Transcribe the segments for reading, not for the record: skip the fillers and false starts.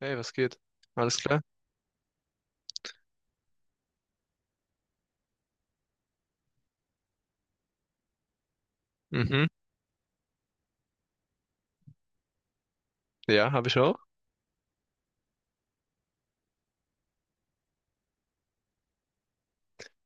Hey, was geht? Alles klar? Mhm. Ja, habe ich auch.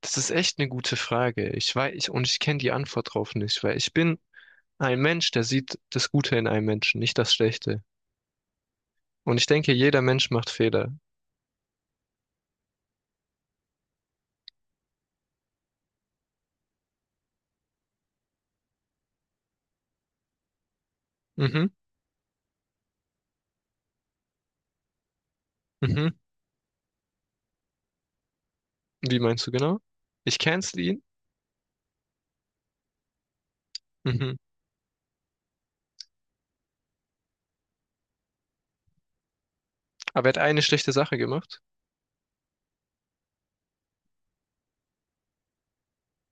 Das ist echt eine gute Frage. Ich weiß, und ich kenne die Antwort drauf nicht, weil ich bin ein Mensch, der sieht das Gute in einem Menschen, nicht das Schlechte. Und ich denke, jeder Mensch macht Fehler. Mhm. Mhm. Wie meinst du genau? Ich cancel ihn. Mhm. Aber er hat eine schlechte Sache gemacht.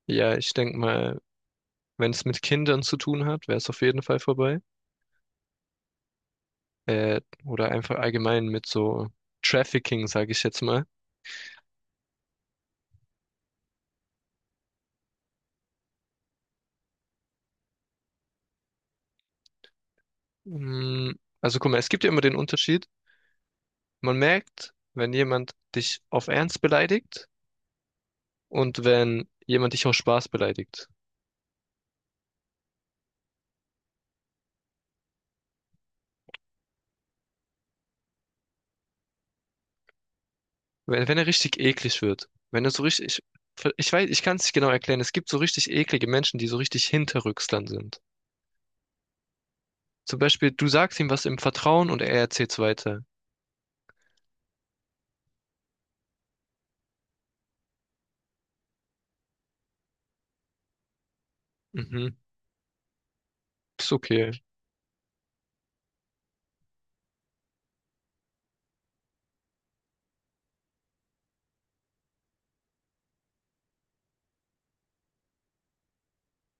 Ja, ich denke mal, wenn es mit Kindern zu tun hat, wäre es auf jeden Fall vorbei. Oder einfach allgemein mit so Trafficking, sage ich jetzt mal. Mm, Also guck mal, es gibt ja immer den Unterschied. Man merkt, wenn jemand dich auf Ernst beleidigt und wenn jemand dich aus Spaß beleidigt. Wenn er richtig eklig wird. Wenn er so richtig, ich weiß, ich kann es nicht genau erklären. Es gibt so richtig eklige Menschen, die so richtig hinterrücks dann sind. Zum Beispiel, du sagst ihm was im Vertrauen und er erzählt's weiter. Mhm, ist okay,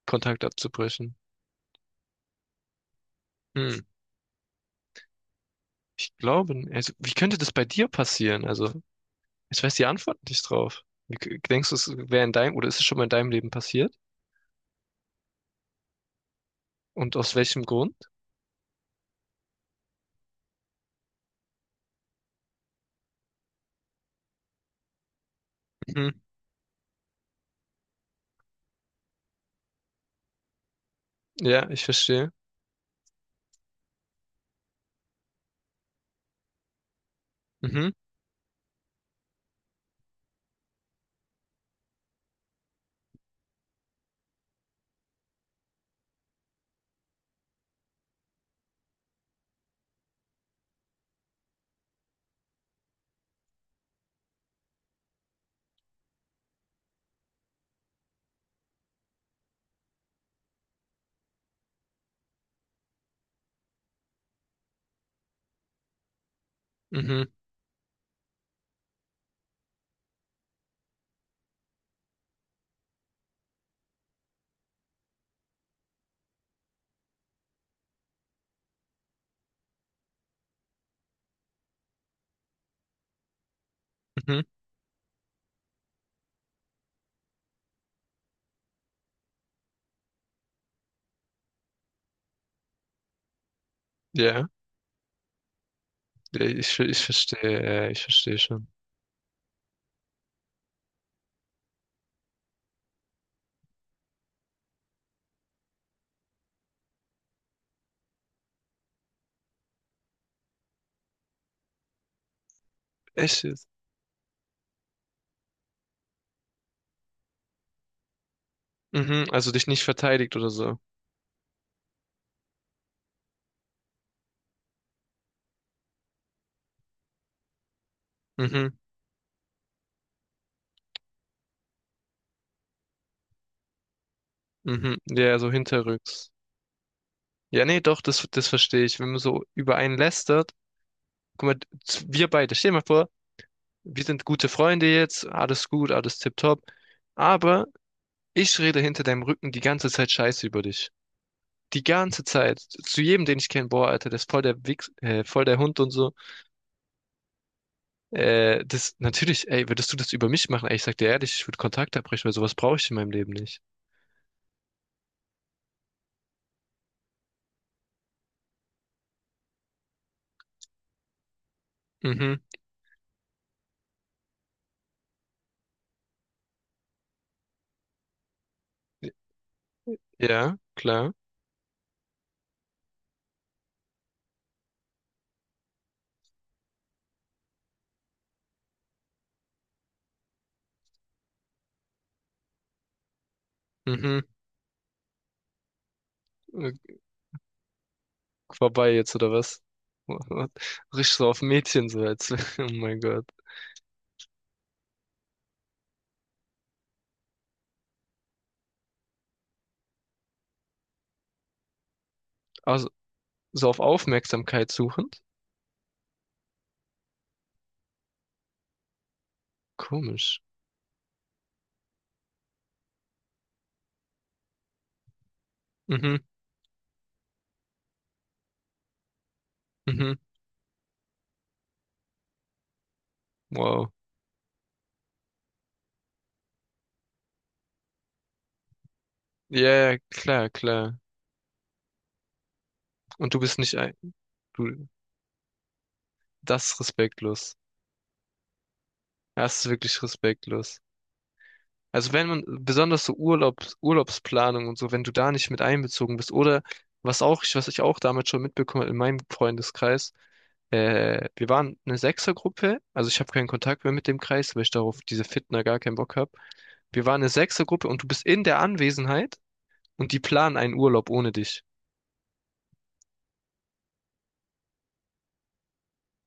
Kontakt abzubrechen. Hm, ich glaube, also, wie könnte das bei dir passieren? Also, ich weiß die Antwort nicht drauf. Wie, denkst du, es wäre in deinem, oder ist es schon mal in deinem Leben passiert? Und aus welchem Grund? Ja, ich verstehe. Mhm, mhm, mhm. Ja, ja, ich verstehe, ja, ja, ich verstehe schon. Echt jetzt? Mhm, also dich nicht verteidigt oder so. Mhm, mhm. Ja, so hinterrücks. Ja, nee, doch, das verstehe ich. Wenn man so über einen lästert, guck mal, wir beide, stell dir mal vor, wir sind gute Freunde jetzt, alles gut, alles tipptopp. Aber ich rede hinter deinem Rücken die ganze Zeit Scheiße über dich. Die ganze Zeit. Zu jedem, den ich kenne, boah, Alter, das ist voll der Wichs, voll der Hund und so. Natürlich, ey, würdest du das über mich machen? Ey, ich sag dir ehrlich, ich würde Kontakt abbrechen, weil sowas brauche ich in meinem Leben nicht. Mhm. Ja, klar. Mhm. Äh, Vorbei jetzt, oder was? Richtig so auf Mädchen, so als, oh mein Gott. Also, so auf Aufmerksamkeit suchend? Komisch. Mhm, mhm. Wow. Ja, ja, klar, klar. Und du bist nicht ein, du, das ist respektlos. Das ist wirklich respektlos. Also wenn man, besonders so Urlaubsplanung und so, wenn du da nicht mit einbezogen bist, oder was auch, was ich auch damals schon mitbekommen habe in meinem Freundeskreis, wir waren eine Sechsergruppe, also ich habe keinen Kontakt mehr mit dem Kreis, weil ich darauf diese Fitner gar keinen Bock habe. Wir waren eine Sechsergruppe und du bist in der Anwesenheit und die planen einen Urlaub ohne dich.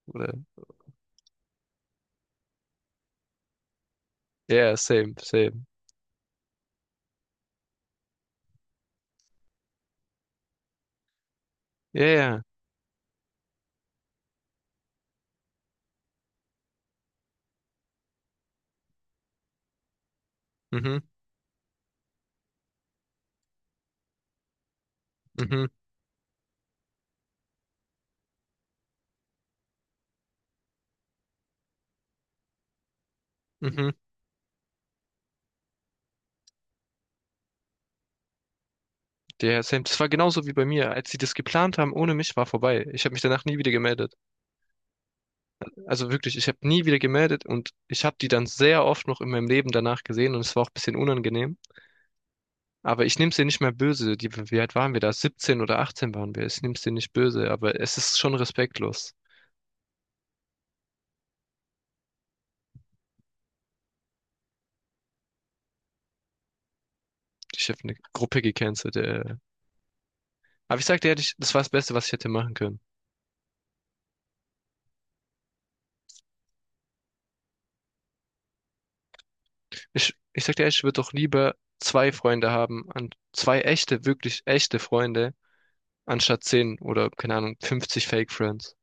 Oder, yeah, same, same. Yeah, mhm, mhm, mhm. Yeah, same. Das war genauso wie bei mir. Als sie das geplant haben, ohne mich war vorbei. Ich habe mich danach nie wieder gemeldet. Also wirklich, ich habe nie wieder gemeldet und ich habe die dann sehr oft noch in meinem Leben danach gesehen und es war auch ein bisschen unangenehm. Aber ich nehme es ihr nicht mehr böse. Die, wie alt waren wir da? 17 oder 18 waren wir. Ich nehme es dir nicht böse, aber es ist schon respektlos. Ich habe eine Gruppe gecancelt. Aber ich sag dir ehrlich, das war das Beste, was ich hätte machen können. Ich sag dir ehrlich, ich würde doch lieber zwei Freunde haben, an zwei echte, wirklich echte Freunde, anstatt 10 oder, keine Ahnung, 50 Fake Friends.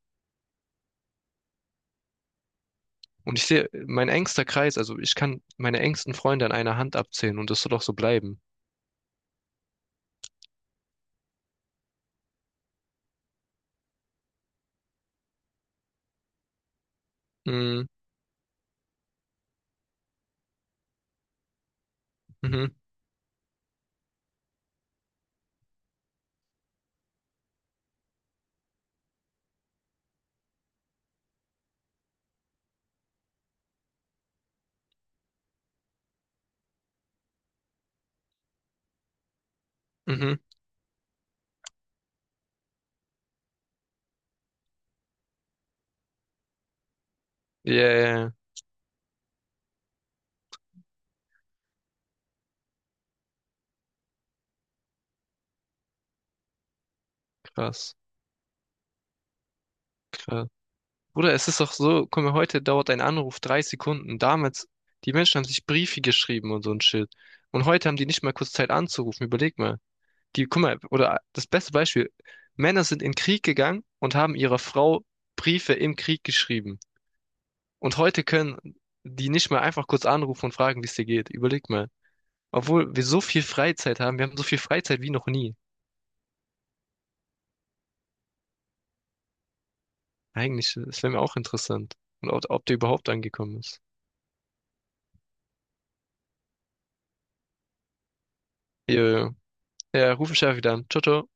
Und ich sehe, mein engster Kreis, also ich kann meine engsten Freunde an einer Hand abzählen und das soll auch so bleiben. Mhm, mhm, mhm. Ja, ja, ja. Krass, krass. Bruder, es ist doch so, guck mal, heute dauert ein Anruf 3 Sekunden. Damals, die Menschen haben sich Briefe geschrieben und so ein Shit. Und heute haben die nicht mal kurz Zeit anzurufen. Überleg mal. Die, guck mal, oder das beste Beispiel, Männer sind in den Krieg gegangen und haben ihrer Frau Briefe im Krieg geschrieben. Und heute können die nicht mal einfach kurz anrufen und fragen, wie es dir geht. Überleg mal. Obwohl wir so viel Freizeit haben, wir haben so viel Freizeit wie noch nie. Eigentlich, das wäre mir auch interessant. Und ob der überhaupt angekommen ist. Ja, ja, ja, ruf mich einfach wieder an. Ciao, ciao.